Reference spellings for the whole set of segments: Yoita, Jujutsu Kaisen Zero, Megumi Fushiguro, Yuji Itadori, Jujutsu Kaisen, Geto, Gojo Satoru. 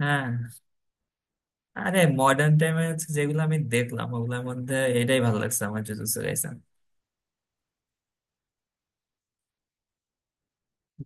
হ্যাঁ, আরে মডার্ন টাইমে হচ্ছে যেগুলো আমি দেখলাম ওগুলোর মধ্যে এটাই ভালো লাগছে আমার, জুজুৎসু কাইসেন।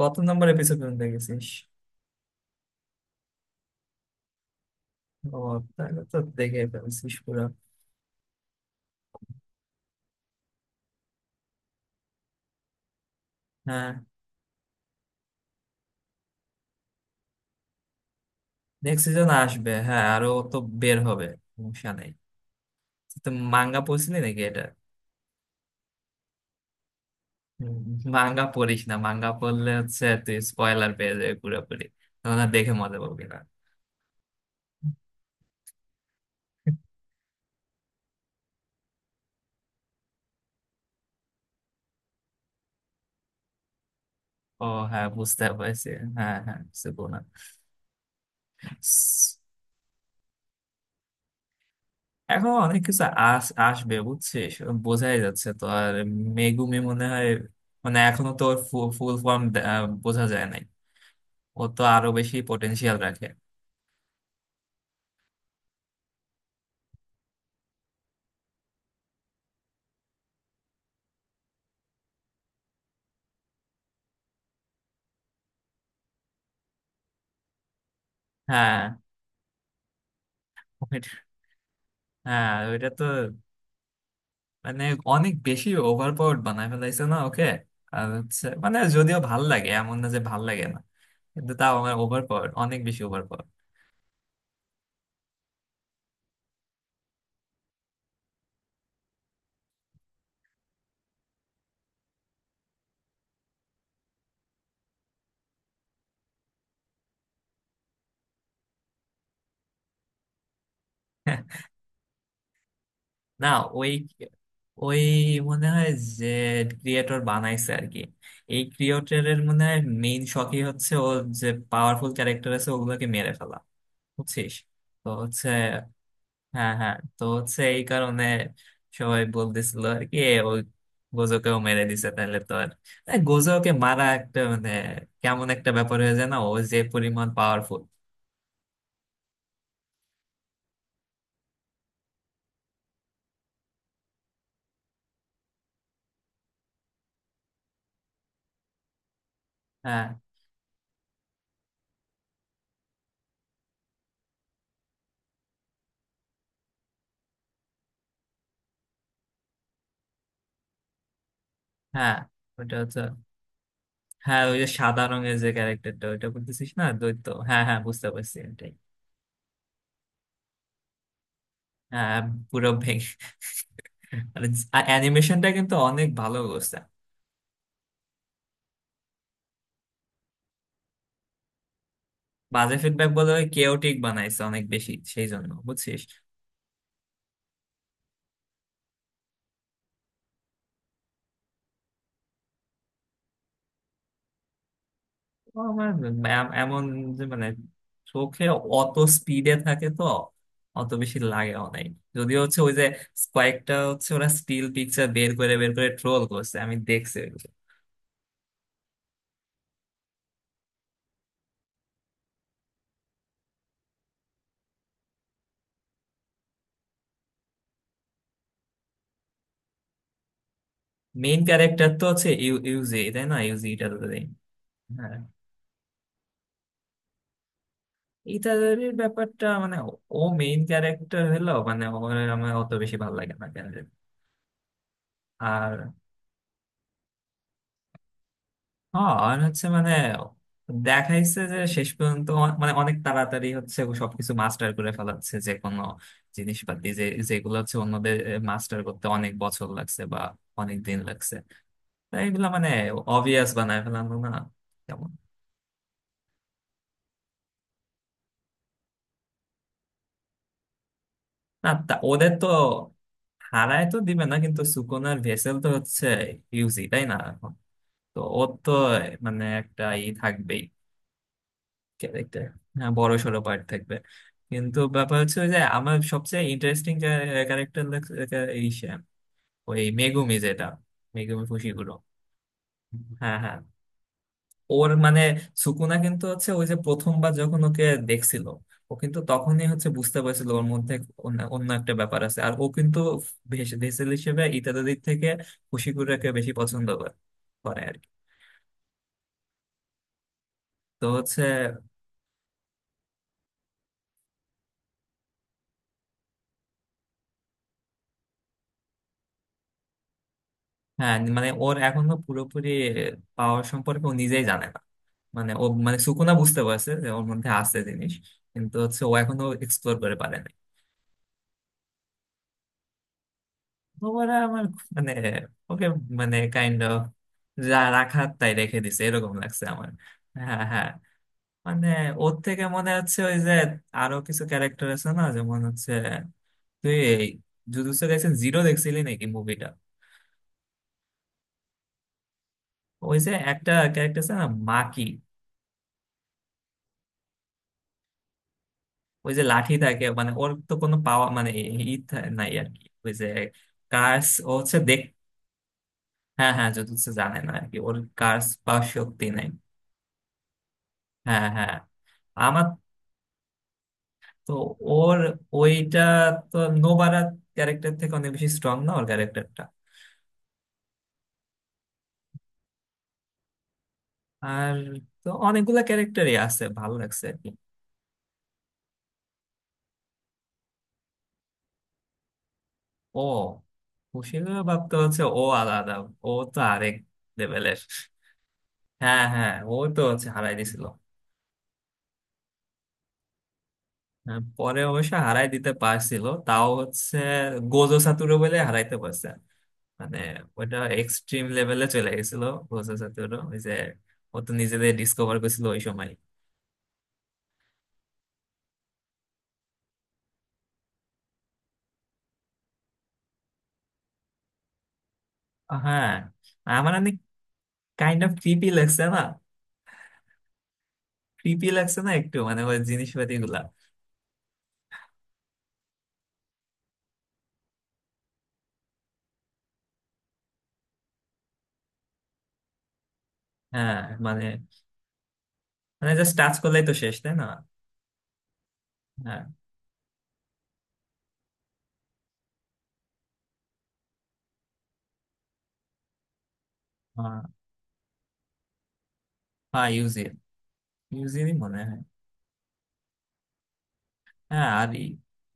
কত নম্বর এপিসোড পর্যন্ত দেখেছিস? ও, তাহলে তো দেখে ফেলছিস পুরো। হ্যাঁ, নেক্সট সিজন আসবে, হ্যাঁ আরো তো বের হবে, সমস্যা নেই। তো মাঙ্গা পড়ছিলি নাকি এটা? মাঙ্গা পড়িস না, মাঙ্গা পড়লে হচ্ছে তুই স্পয়লার পেয়ে যাবি পুরোপুরি, তখন আর দেখে মজা পাবি না। ও, হ্যাঁ বুঝতে পারছি। হ্যাঁ হ্যাঁ, বুঝতে পারলাম। এখন অনেক কিছু আসবে বুঝছিস, বোঝাই যাচ্ছে তো আর। মেগুমি মনে হয় মানে এখনো তো ওর ফুল ফর্ম বোঝা যায় নাই, ও তো আরো বেশি পটেনশিয়াল রাখে। হ্যাঁ, ওইটা- ওইটা তো মানে অনেক বেশি ওভার পাওয়ার্ড বানায় ফেলাইছে না ওকে। আর হচ্ছে মানে যদিও ভাল লাগে, এমন না যে ভাল লাগে না, কিন্তু তাও আমার ওভার পাওয়ার, অনেক বেশি ওভার পাওয়ার। না, ওই ওই মনে হয় যে ক্রিয়েটর বানাইছে আর কি। এই ক্রিয়েটরের মনে হয় মেইন শখই হচ্ছে, ও যে পাওয়ারফুল ক্যারেক্টার আছে ওগুলোকে মেরে ফেলা, বুঝছিস। তো হচ্ছে, হ্যাঁ হ্যাঁ, তো হচ্ছে এই কারণে সবাই বলতেছিল আর কি, এ ওই গোজোকেও মেরে দিছে, তাহলে তো আর। এ, গোজোকে মারা একটা মানে কেমন একটা ব্যাপার হয়ে যায় না, ও যে পরিমাণ পাওয়ারফুল। হ্যাঁ হ্যাঁ, ওটা হচ্ছে হ্যাঁ, ওই যে সাদা রঙের যে ক্যারেক্টারটা ওইটা বলতেছিস না, দৈত্য, হ্যাঁ হ্যাঁ বুঝতে পারছি, এটাই। হ্যাঁ, পুরো ভেঙে মানে অ্যানিমেশনটা কিন্তু অনেক ভালো করছে। বাজে ফিডব্যাক বলে ওই কেওটিক বানাইছে অনেক বেশি সেই জন্য বুঝছিস। তো আমার এমন যে মানে চোখে অত স্পিডে থাকে তো অত বেশি লাগে নাই। যদিও হচ্ছে ওই যে কয়েকটা হচ্ছে ওরা স্টিল পিকচার বের করে বের করে ট্রোল করছে, আমি দেখছি ওইগুলো। মেইন ক্যারেক্টার তো হচ্ছে ইউজি তাই না, ইউজি ইটাদোরে। হ্যাঁ, ইটাদোরের ব্যাপারটা মানে ও মেইন ক্যারেক্টার হলো, মানে ওর আমার অত বেশি ভালো লাগে না কেন জানি। আর হ্যাঁ, আর হচ্ছে মানে দেখাইছে যে শেষ পর্যন্ত অ- মানে অনেক তাড়াতাড়ি হচ্ছে ও সবকিছু মাস্টার করে ফেলাচ্ছে, যে কোনো জিনিসপাতি যে যেগুলো হচ্ছে অন্যদের মাস্টার করতে অনেক বছর লাগছে বা অনেক দিন লাগছে, তাই এগুলো মানে অবভিয়াস বানায় ফেলানো না, যেমন। না তা ওদের তো, হারায় তো দিবে না কিন্তু সুকোনার ভেসেল তো হচ্ছে ইউজি তাই না এখন, তো ওর তো মানে একটা ই থাকবেই ক্যারেক্টার। হ্যাঁ, বড় সড়ো পার্ট থাকবে। কিন্তু ব্যাপার হচ্ছে ওই যে আমার সবচেয়ে ইন্টারেস্টিং ক্যারেক্টার এই সে, ওই মেগুমি, যেটা মেগুমি ফুশিগুরো। হ্যাঁ হ্যাঁ, ওর মানে সুকুনা কিন্তু হচ্ছে ওই যে প্রথমবার যখন ওকে দেখছিল, ও কিন্তু তখনই হচ্ছে বুঝতে পারছিল ওর মধ্যে অন্য অন্য একটা ব্যাপার আছে, আর ও কিন্তু ভেসেল হিসেবে ইত্যাদি দিক থেকে ফুশিগুরাকে বেশি পছন্দ করে, করে আর কি। তো হচ্ছে হ্যাঁ, মানে ওর এখনো পুরোপুরি পাওয়ার সম্পর্কে ও নিজেই জানে না। মানে ও মানে সুকুনা বুঝতে পারছে যে ওর মধ্যে আছে জিনিস, কিন্তু হচ্ছে ও এখনো এক্সপ্লোর করে পারে নাই। ওরা আমার খুব মানে, ওকে মানে কাইন্ড অফ যা রাখার তাই রেখে দিছে এরকম লাগছে আমার। হ্যাঁ হ্যাঁ, মানে ওর থেকে মনে হচ্ছে ওই যে আরো কিছু ক্যারেক্টার আছে না, যেমন হচ্ছে, তুই এই জুজুৎসু কাইসেন জিরো দেখছিলি নাকি মুভিটা? ওই যে একটা ক্যারেক্টার আছে না মাকি, ওই যে লাঠি থাকে, মানে ওর তো কোনো পাওয়া মানে নাই আর কি, ওই যে কার্স ও হচ্ছে দেখতে, হ্যাঁ হ্যাঁ জুজুৎসু জানে না আর কি, ওর কার্স বা শক্তি নেই। হ্যাঁ হ্যাঁ, আমার তো ওর ওইটা তো নোবারা ক্যারেক্টার থেকে অনেক বেশি স্ট্রং না ওর ক্যারেক্টারটা? আর তো অনেকগুলা ক্যারেক্টারই আছে, ভালো লাগছে আর কি। ও খুশির, ভাবতে হচ্ছে ও আলাদা, ও তো আরেক লেভেলের। হ্যাঁ হ্যাঁ, ও তো হচ্ছে হারাই দিছিল। হ্যাঁ, পরে অবশ্য হারাই দিতে পারছিল তাও হচ্ছে গোজো সাতুরো বলে হারাইতে পারছে। মানে ওটা এক্সট্রিম লেভেলে চলে গেছিল প্রসেস, ওই যে ও তো নিজেদের ডিসকভার করেছিল ওই সময়। হ্যাঁ, আমার অনেক কাইন্ড অফ ক্রিপি লাগছে না? ক্রিপি লাগছে না একটু মানে ওই জিনিসপাতি গুলা। হ্যাঁ মানে, মানে জাস্ট টাচ করলেই তো শেষ তাই না। হ্যাঁ হ্যাঁ হ্যাঁ, ইউজিন, ইউজিনই মনে হয়। হ্যাঁ আর ই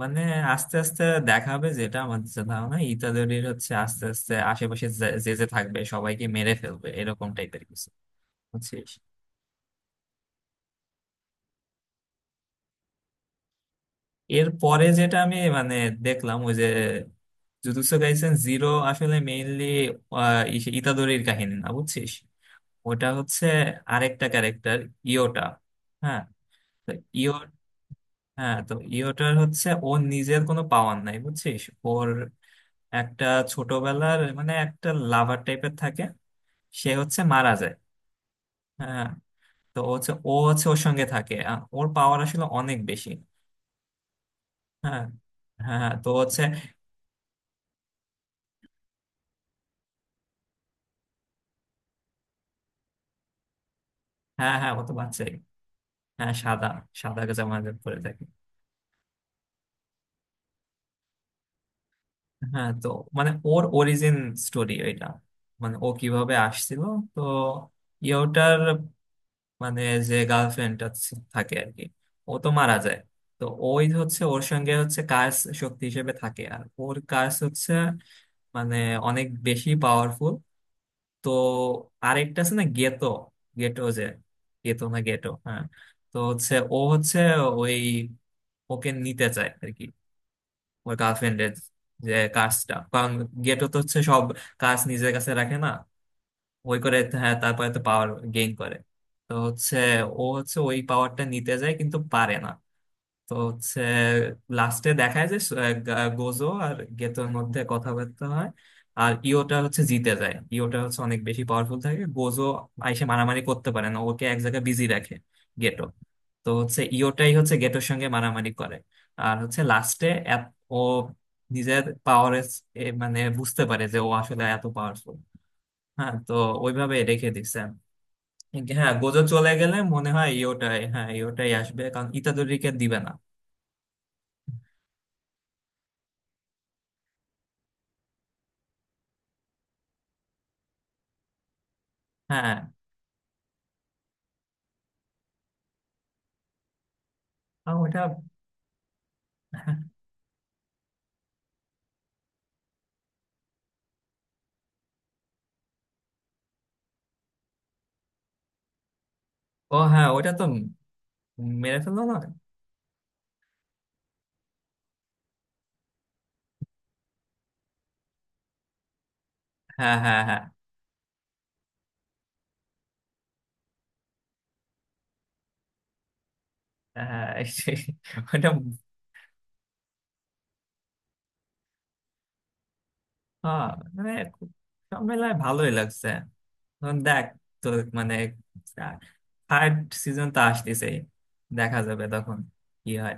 মানে, আস্তে আস্তে দেখা হবে, যেটা আমার যে ধারণা ইতাদোরির হচ্ছে আস্তে আস্তে আশেপাশে যে যে যে থাকবে সবাইকে মেরে ফেলবে এরকম টাইপের কিছু বুঝছিস। এর পরে যেটা আমি মানে দেখলাম ওই যে জুজুৎসু কাইসেন জিরো, আসলে মেইনলি ইতাদোরির কাহিনী না বুঝছিস, ওটা হচ্ছে আরেকটা ক্যারেক্টার ইয়োটা। হ্যাঁ, তো ইয়ো, হ্যাঁ তো ইয়োটার হচ্ছে ওর নিজের কোনো পাওয়ার নাই বুঝছিস, ওর একটা ছোটবেলার মানে একটা লাভার টাইপের থাকে, সে হচ্ছে মারা যায়। হ্যাঁ, তো ও হচ্ছে ওর সঙ্গে থাকে, আ- ওর পাওয়ার আসলে অনেক বেশি। হ্যাঁ হ্যাঁ হ্যাঁ, তো হচ্ছে হ্যাঁ হ্যাঁ, ও তো বাচ্চা, হ্যাঁ সাদা, সাদা জামাতে পরে থাকে। হ্যাঁ, তো মানে ওর অরিজিন স্টোরি এটা, মানে ও কিভাবে আসছিল। তো ইয়োটার মানে যে গার্লফ্রেন্ডটা থাকে আর কি, ও তো মারা যায়, তো ওই হচ্ছে ওর সঙ্গে হচ্ছে কার্স শক্তি হিসেবে থাকে। আর ওর কার্স হচ্ছে মানে অনেক বেশি পাওয়ারফুল। তো আরেকটা আছে না গেতো, গেটো যে, গেতো না গেটো হ্যাঁ। তো হচ্ছে ও হচ্ছে ওই ওকে নিতে চায় আর কি, ওই গার্লফ্রেন্ডের যে কাজটা, কারণ গেটো তো হচ্ছে সব কাজ নিজের কাছে রাখে, না ওই করে, হ্যাঁ। তারপরে তো পাওয়ার গেইন করে, তো হচ্ছে ও হচ্ছে ওই পাওয়ারটা নিতে যায় কিন্তু পারে না। তো হচ্ছে লাস্টে দেখায় যে আহ, গোজো আর গেতোর মধ্যে কথাবার্তা হয়, আর ইওটা হচ্ছে জিতে যায়, ইওটা হচ্ছে অনেক বেশি পাওয়ারফুল থাকে, গোজো আইসে মারামারি করতে পারে না, ওকে এক জায়গায় বিজি রাখে গেটো, তো হচ্ছে ইওটাই হচ্ছে গেটোর সঙ্গে মারামারি করে। আর হচ্ছে লাস্টে ও নিজের পাওয়ার মানে বুঝতে পারে যে ও আসলে এত পাওয়ারফুল। হ্যাঁ, তো ওইভাবে রেখে দিচ্ছে। হ্যাঁ গোজো চলে গেলে মনে হয় ইওটাই, হ্যাঁ ইওটাই আসবে কারণ ইতাদোরিকে দিবে না। হ্যাঁ আহ, ওটা, ও হ্যাঁ ওটা তো মেরে ফেললো না। হ্যাঁ হ্যাঁ হ্যাঁ হ্যাঁ সেই, ওটা হ্যাঁ মানে খুব-, সব মেলায় ভালোই লাগছে এখন দেখ, তো মানে থার্ড সিজন তো আসতেছেই, দেখা যাবে তখন কি হয়।